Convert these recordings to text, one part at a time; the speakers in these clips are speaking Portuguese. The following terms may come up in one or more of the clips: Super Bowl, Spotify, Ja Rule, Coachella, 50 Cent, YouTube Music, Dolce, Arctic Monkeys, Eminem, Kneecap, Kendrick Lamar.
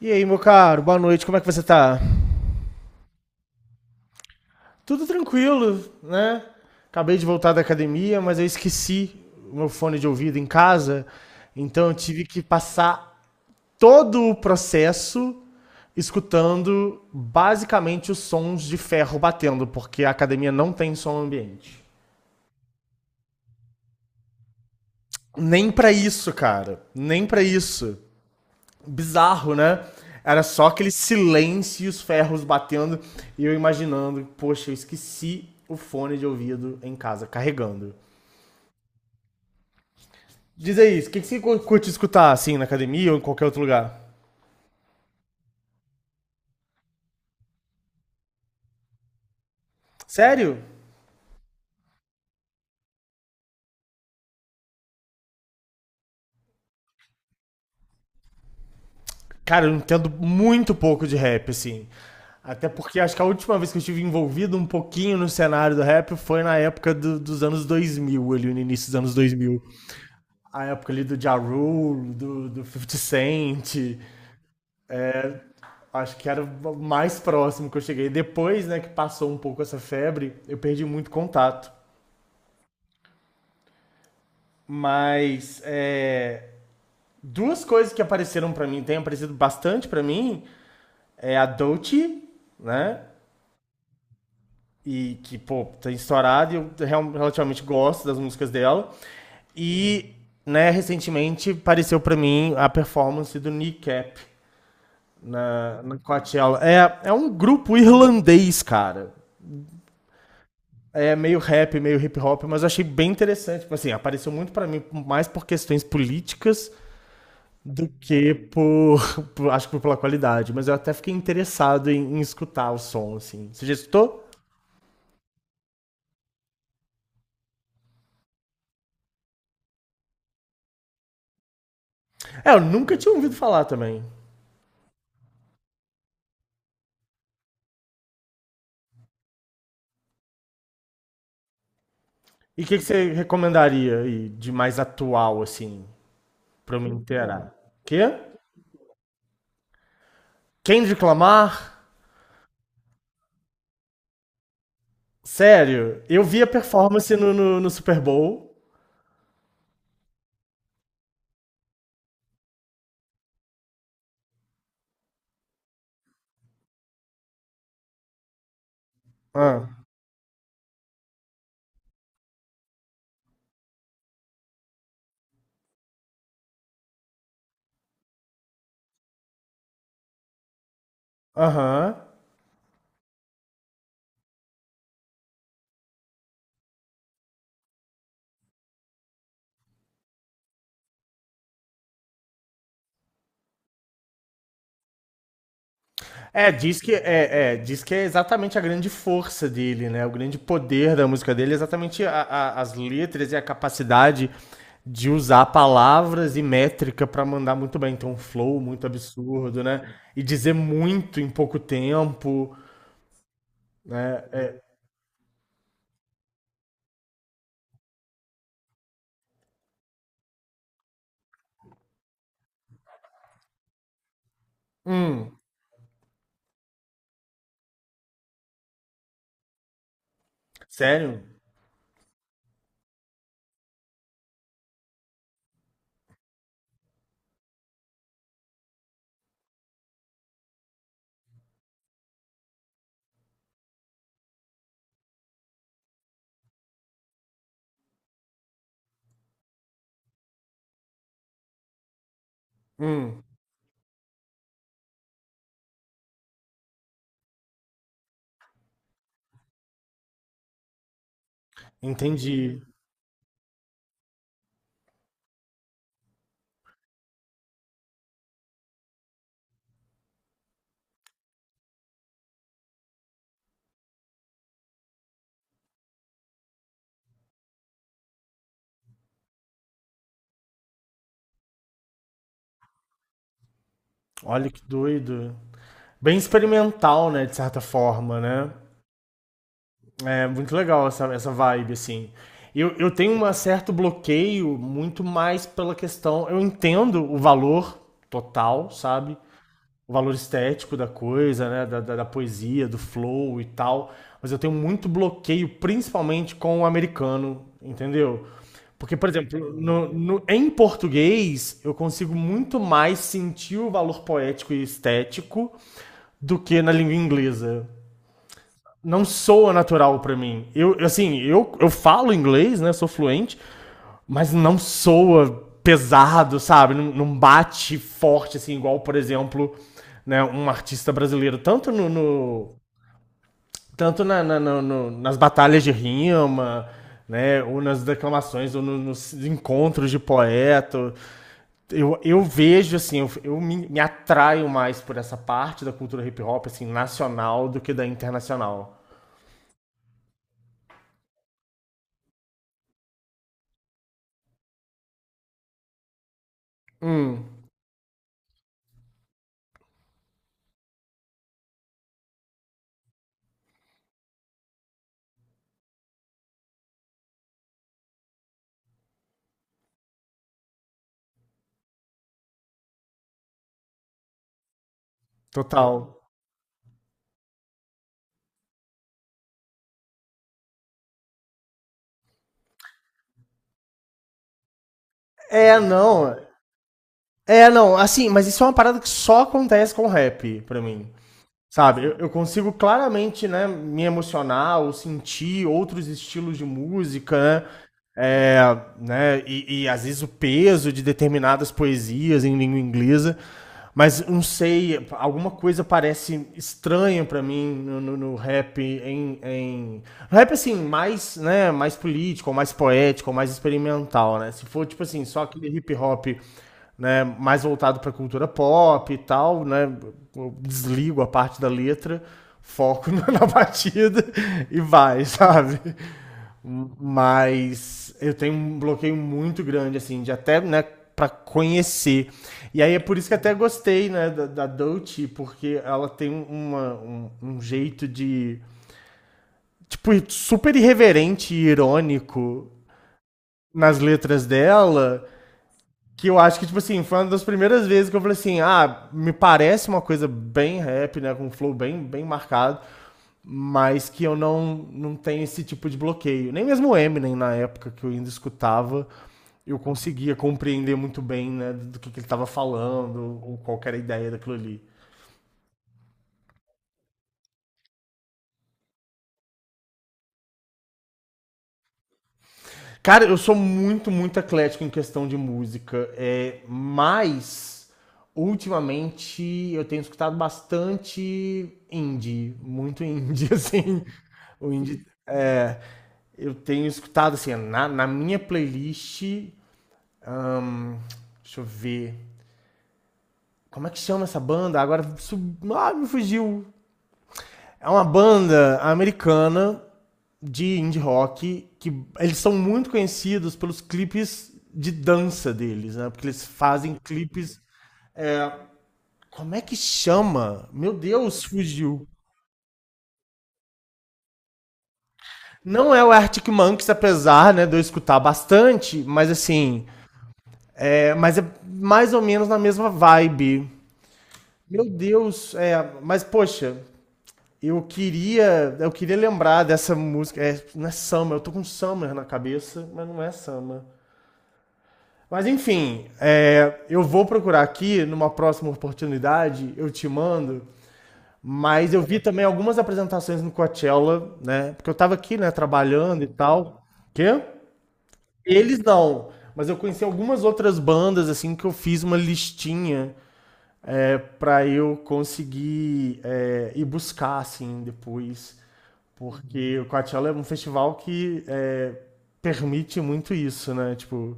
E aí, meu caro, boa noite, como é que você tá? Tudo tranquilo, né? Acabei de voltar da academia, mas eu esqueci o meu fone de ouvido em casa, então eu tive que passar todo o processo escutando basicamente os sons de ferro batendo, porque a academia não tem som ambiente. Nem pra isso, cara, nem pra isso. Bizarro, né? Era só aquele silêncio e os ferros batendo e eu imaginando, poxa, eu esqueci o fone de ouvido em casa carregando. Diz aí, o que que você curte escutar assim na academia ou em qualquer outro lugar? Sério? Cara, eu entendo muito pouco de rap, assim. Até porque acho que a última vez que eu estive envolvido um pouquinho no cenário do rap foi na época dos anos 2000 ali no início dos anos 2000. A época ali do Ja Rule, do 50 Cent. Acho que era o mais próximo que eu cheguei. Depois, né, que passou um pouco essa febre, eu perdi muito contato. Mas é, duas coisas que apareceram pra mim, tem aparecido bastante pra mim, é a Dolce, né? E que, pô, tem estourado e eu relativamente gosto das músicas dela. E, né, recentemente apareceu pra mim a performance do Kneecap na Coachella. É um grupo irlandês, cara. É meio rap, meio hip hop, mas eu achei bem interessante. Tipo assim, apareceu muito pra mim mais por questões políticas do que por, acho que pela qualidade, mas eu até fiquei interessado em escutar o som assim. Você já escutou? É, eu nunca tinha ouvido falar também. E o que, que você recomendaria aí de mais atual assim pra eu me inteirar? Quê? Kendrick Lamar? Sério? Eu vi a performance no Super Bowl. Ah. Aham. É, diz que é exatamente a grande força dele, né? O grande poder da música dele é exatamente as letras e a capacidade de usar palavras e métrica pra mandar muito bem. Então, um flow muito absurdo, né? E dizer muito em pouco tempo, né? É, hum, sério? Hum, entendi. Olha que doido. Bem experimental, né? De certa forma, né? É muito legal essa vibe, assim. Eu tenho um certo bloqueio muito mais pela questão. Eu entendo o valor total, sabe? O valor estético da coisa, né? Da poesia, do flow e tal. Mas eu tenho muito bloqueio, principalmente com o americano, entendeu? Porque, por exemplo, em português, eu consigo muito mais sentir o valor poético e estético do que na língua inglesa não soa natural pra mim. Eu, assim, eu falo inglês, né? Sou fluente, mas não soa pesado, sabe? Não bate forte, assim, igual, por exemplo, né, um artista brasileiro. Tanto nas batalhas de rima, né? Ou nas declamações, ou nos encontros de poeta. Eu vejo, assim, eu me atraio mais por essa parte da cultura hip hop, assim, nacional do que da internacional. Hum. Total. É, não. É, não, assim, mas isso é uma parada que só acontece com rap, pra mim. Sabe? Eu consigo claramente, né, me emocionar ou sentir outros estilos de música, né? É, né e às vezes o peso de determinadas poesias em língua inglesa. Mas não sei, alguma coisa parece estranha pra mim. No rap, assim, mais, né, mais político, mais poético, mais experimental, né? Se for, tipo assim, só aquele hip hop, né, mais voltado pra cultura pop e tal, né? Eu desligo a parte da letra, foco na batida e vai, sabe? Mas eu tenho um bloqueio muito grande, assim, de até, né, pra conhecer. E aí é por isso que até gostei, né, da Dolce, porque ela tem um jeito de, tipo, super irreverente e irônico nas letras dela, que eu acho que, tipo assim, foi uma das primeiras vezes que eu falei assim, ah, me parece uma coisa bem rap, né, com um flow bem, bem marcado, mas que eu não tenho esse tipo de bloqueio. Nem mesmo o Eminem, na época que eu ainda escutava, eu conseguia compreender muito bem né, do que ele estava falando, ou qual que era a ideia daquilo ali. Cara, eu sou muito, muito eclético em questão de música, é, mas ultimamente eu tenho escutado bastante indie, muito indie, assim. O indie. É, eu tenho escutado, assim, na minha playlist. Ahn, deixa eu ver. Como é que chama essa banda? Agora ah, me fugiu. É uma banda americana de indie rock que eles são muito conhecidos pelos clipes de dança deles, né? Porque eles fazem clipes. é, Como é que chama? Meu Deus, fugiu. Não é o Arctic Monkeys, apesar, né, de eu escutar bastante, mas assim, mas é mais ou menos na mesma vibe. Meu Deus, mas poxa, eu queria lembrar dessa música. É, não é Summer, eu tô com Summer na cabeça, mas não é Summer. Mas enfim, eu vou procurar aqui, numa próxima oportunidade, eu te mando. Mas eu vi também algumas apresentações no Coachella, né? Porque eu tava aqui, né, trabalhando e tal. Quê? Eles não. Mas eu conheci algumas outras bandas, assim, que eu fiz uma listinha pra eu conseguir ir buscar, assim, depois. Porque o Coachella é um festival que permite muito isso, né? Tipo,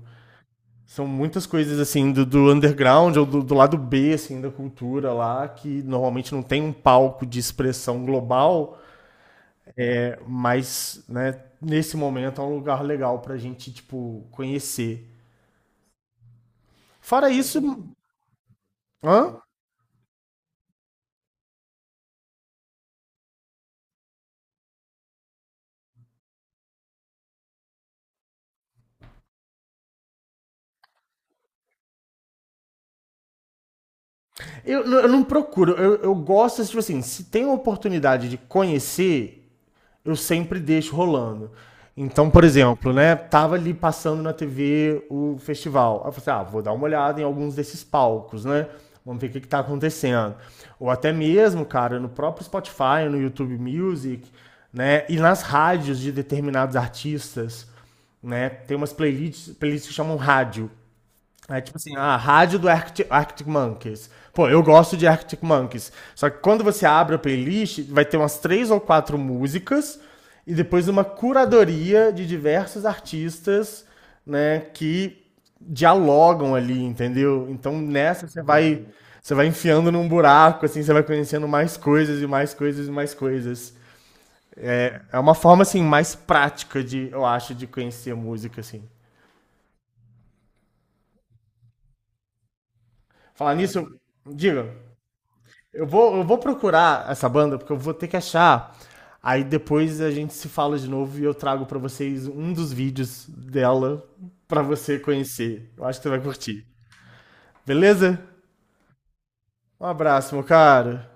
são muitas coisas assim do underground ou do lado B assim da cultura lá que normalmente não tem um palco de expressão global, mas né, nesse momento é um lugar legal pra gente tipo conhecer. Fora isso, hã? Eu não procuro, eu gosto tipo assim, se tem a oportunidade de conhecer, eu sempre deixo rolando. Então, por exemplo, né, tava ali passando na TV o festival. Aí eu falei assim, ah, vou dar uma olhada em alguns desses palcos, né? Vamos ver o que, que tá acontecendo. Ou até mesmo, cara, no próprio Spotify, no YouTube Music, né? E nas rádios de determinados artistas, né? Tem umas playlists que chamam rádio. É tipo assim, a rádio do Arctic Monkeys. Pô, eu gosto de Arctic Monkeys. Só que quando você abre a playlist, vai ter umas três ou quatro músicas e depois uma curadoria de diversos artistas, né, que dialogam ali, entendeu? Então nessa você vai enfiando num buraco, assim, você vai conhecendo mais coisas e mais coisas e mais coisas. É uma forma assim mais prática de, eu acho, de conhecer música assim. Falar nisso, diga. Eu vou procurar essa banda, porque eu vou ter que achar. Aí depois a gente se fala de novo e eu trago pra vocês um dos vídeos dela pra você conhecer. Eu acho que você vai curtir. Beleza? Um abraço, meu cara.